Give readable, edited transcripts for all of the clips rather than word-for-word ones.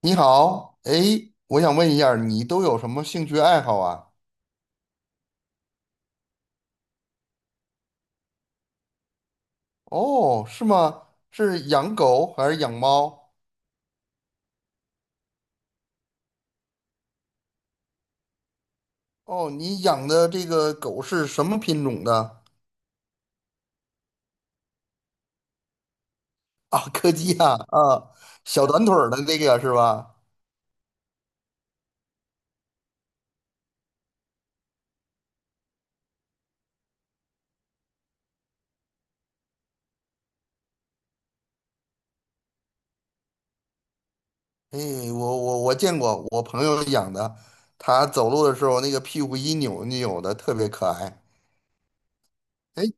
你好，哎，我想问一下儿你都有什么兴趣爱好啊？哦，是吗？是养狗还是养猫？哦，你养的这个狗是什么品种的？啊，柯基啊，啊，小短腿儿的这个是吧？哎，我见过，我朋友养的，他走路的时候那个屁股一扭一扭的，特别可爱。哎。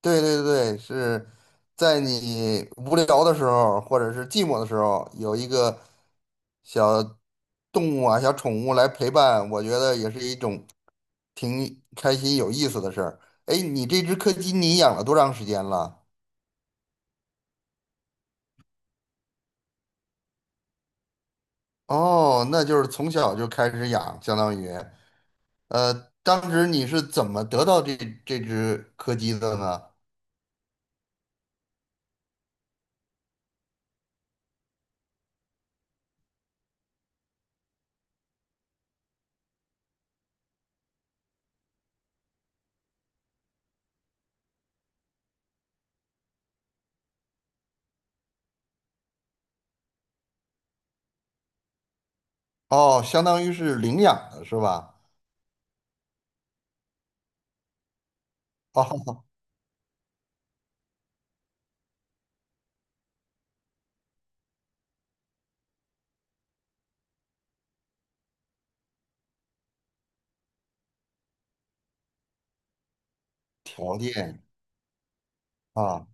对对对，是在你无聊的时候，或者是寂寞的时候，有一个小动物啊、小宠物来陪伴，我觉得也是一种挺开心、有意思的事儿。哎，你这只柯基你养了多长时间了？哦，那就是从小就开始养，相当于，呃，当时你是怎么得到这只柯基的呢？哦，相当于是领养的是吧？哦，条件啊。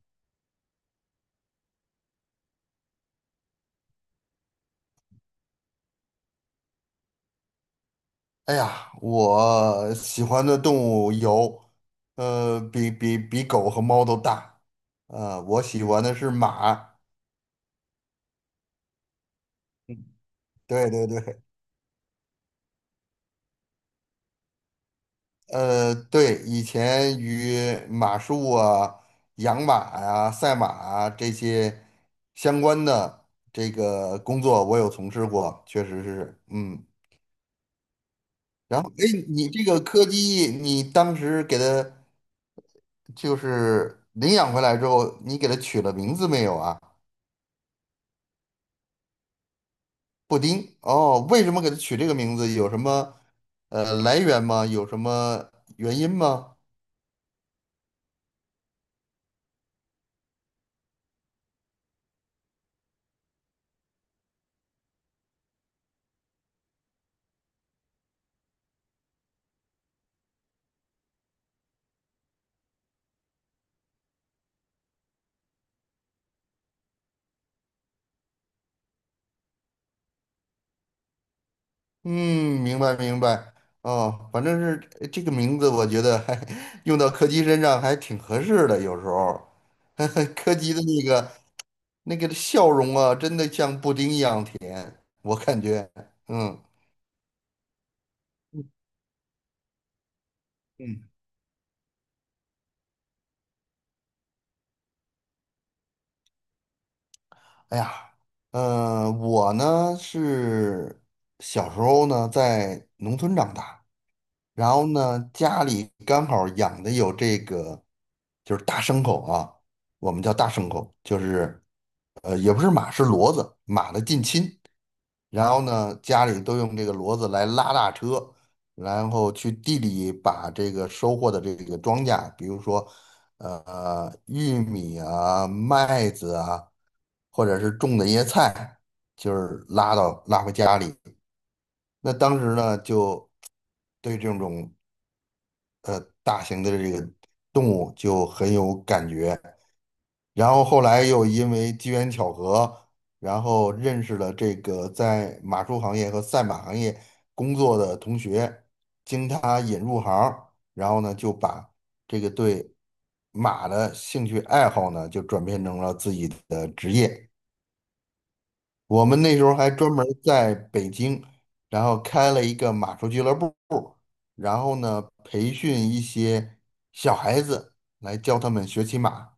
哎呀，我喜欢的动物有，比狗和猫都大，我喜欢的是马，对对对，对，以前与马术啊、养马呀、赛马啊这些相关的这个工作，我有从事过，确实是，嗯，然后，哎，你这个柯基，你当时给它就是领养回来之后，你给它取了名字没有啊？布丁哦，为什么给它取这个名字？有什么来源吗？有什么原因吗？嗯，明白明白。哦，反正是这个名字，我觉得还 用到柯基身上还挺合适的。有时候，柯基的那个笑容啊，真的像布丁一样甜，我感觉。嗯嗯哎呀，我呢是小时候呢在农村长大，然后呢家里刚好养的有这个，就是大牲口啊，我们叫大牲口，就是也不是马，是骡子，马的近亲。然后呢，家里都用这个骡子来拉大车，然后去地里把这个收获的这个庄稼，比如说，玉米啊、麦子啊，或者是种的一些菜，就是拉回家里。那当时呢，就对这种大型的这个动物就很有感觉。然后后来又因为机缘巧合，然后认识了这个在马术行业和赛马行业工作的同学，经他引入行儿然后呢就把这个对马的兴趣爱好呢就转变成了自己的职业。我们那时候还专门儿在北京，然后开了一个马术俱乐部，然后呢培训一些小孩子来教他们学骑马。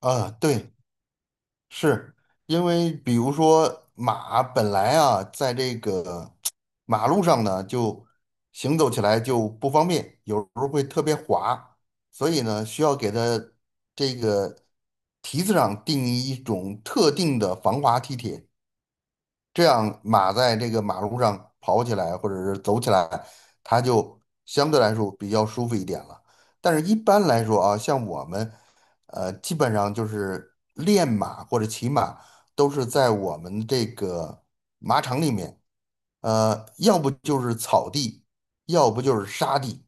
啊，对，是因为，比如说马本来啊，在这个马路上呢，就行走起来就不方便，有时候会特别滑，所以呢，需要给它这个蹄子上定一种特定的防滑蹄铁，这样马在这个马路上跑起来或者是走起来，它就相对来说比较舒服一点了。但是一般来说啊，像我们，基本上就是练马或者骑马，都是在我们这个马场里面，要不就是草地，要不就是沙地。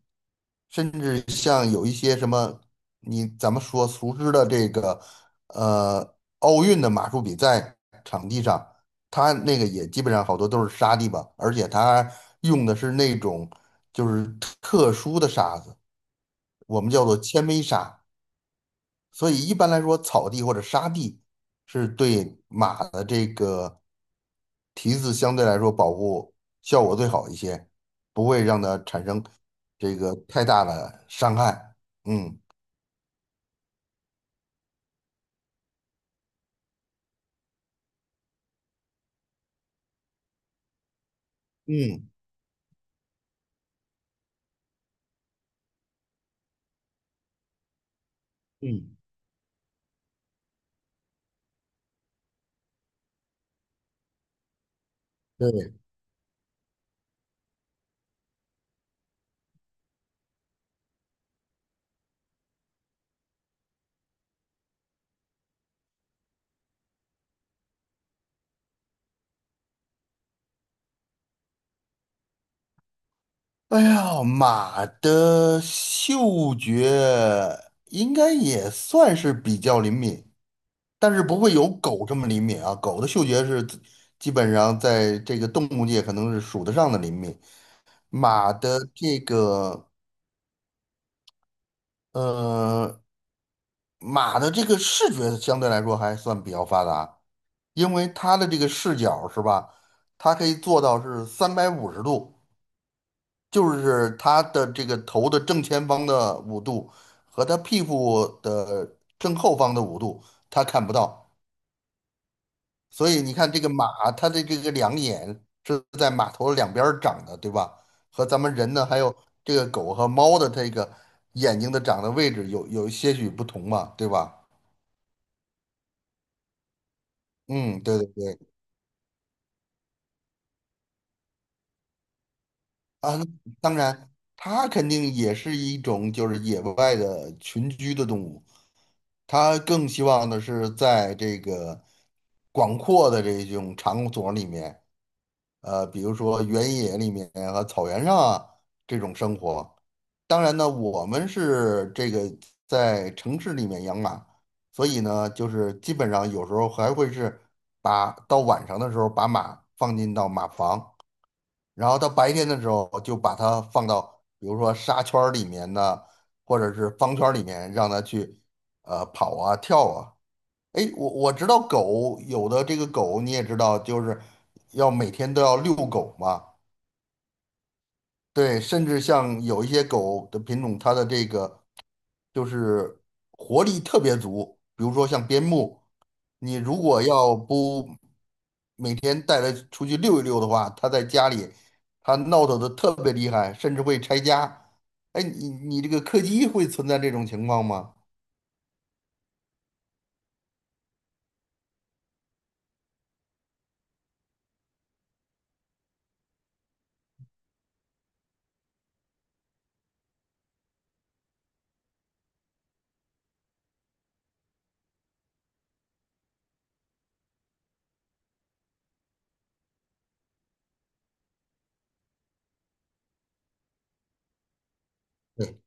甚至像有一些什么，你咱们说熟知的这个，呃，奥运的马术比赛场地上，它那个也基本上好多都是沙地吧，而且它用的是那种就是特殊的沙子，我们叫做纤维沙。所以一般来说，草地或者沙地是对马的这个蹄子相对来说保护效果最好一些，不会让它产生这个太大的伤害。嗯嗯嗯，对。哎呀，马的嗅觉应该也算是比较灵敏，但是不会有狗这么灵敏啊。狗的嗅觉是基本上在这个动物界可能是数得上的灵敏。马的这个呃，马的这个视觉相对来说还算比较发达，因为它的这个视角是吧，它可以做到是350度，就是它的这个头的正前方的五度和它屁股的正后方的五度，它看不到。所以你看这个马，它的这个两眼是在马头两边儿长的，对吧？和咱们人呢，还有这个狗和猫的这个眼睛的长的位置有些许不同嘛，对吧？嗯，对对对，啊，当然，它肯定也是一种就是野外的群居的动物，它更希望的是在这个广阔的这种场所里面，比如说原野里面和草原上啊这种生活。当然呢，我们是这个在城市里面养马，所以呢，就是基本上有时候还会是把到晚上的时候把马放进到马房，然后到白天的时候就把它放到比如说沙圈儿里面呢，或者是方圈儿里面，让它去跑啊跳啊。哎，我知道狗有的这个狗你也知道，就是要每天都要遛狗嘛。对，甚至像有一些狗的品种，它的这个就是活力特别足，比如说像边牧，你如果要不每天带它出去溜一溜的话，它在家里它闹腾的特别厉害，甚至会拆家。哎，你这个柯基会存在这种情况吗？对，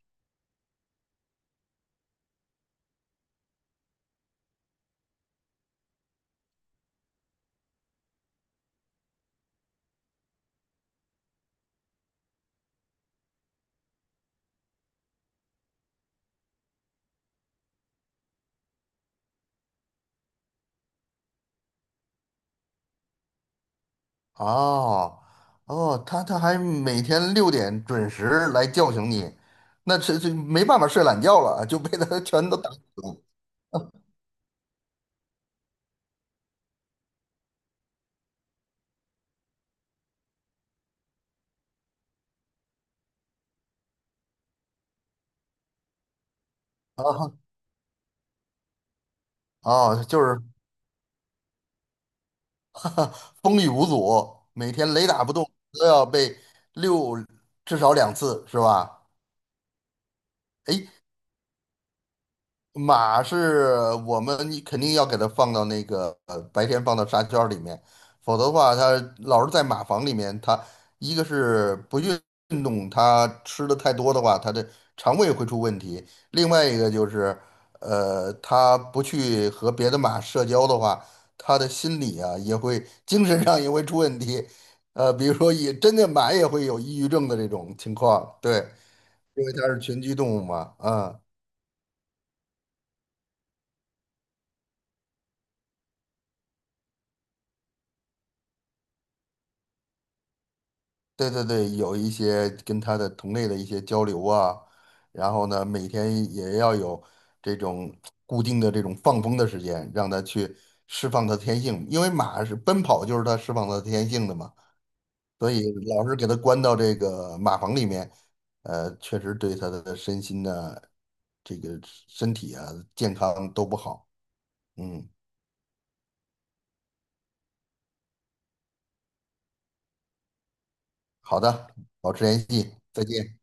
哦哦，它还每天6点准时来叫醒你，那这没办法睡懒觉了，就被它全都打死了哦，就是 风雨无阻，每天雷打不动，都要被六至少2次，是吧？哎，马是我们你肯定要给它放到那个白天放到沙圈儿里面，否则的话，它老是在马房里面，它一个是不运动，它吃的太多的话，它的肠胃会出问题；另外一个就是，它不去和别的马社交的话，它的心理啊也会精神上也会出问题，比如说也真的马也会有抑郁症的这种情况，对，因为它是群居动物嘛，啊对对对，有一些跟他的同类的一些交流啊，然后呢，每天也要有这种固定的这种放风的时间，让他去释放他的天性，因为马是奔跑，就是他释放他的天性的嘛，所以老是给他关到这个马房里面，确实对他的身心呢，这个身体啊，健康都不好。嗯，好的，保持联系，再见。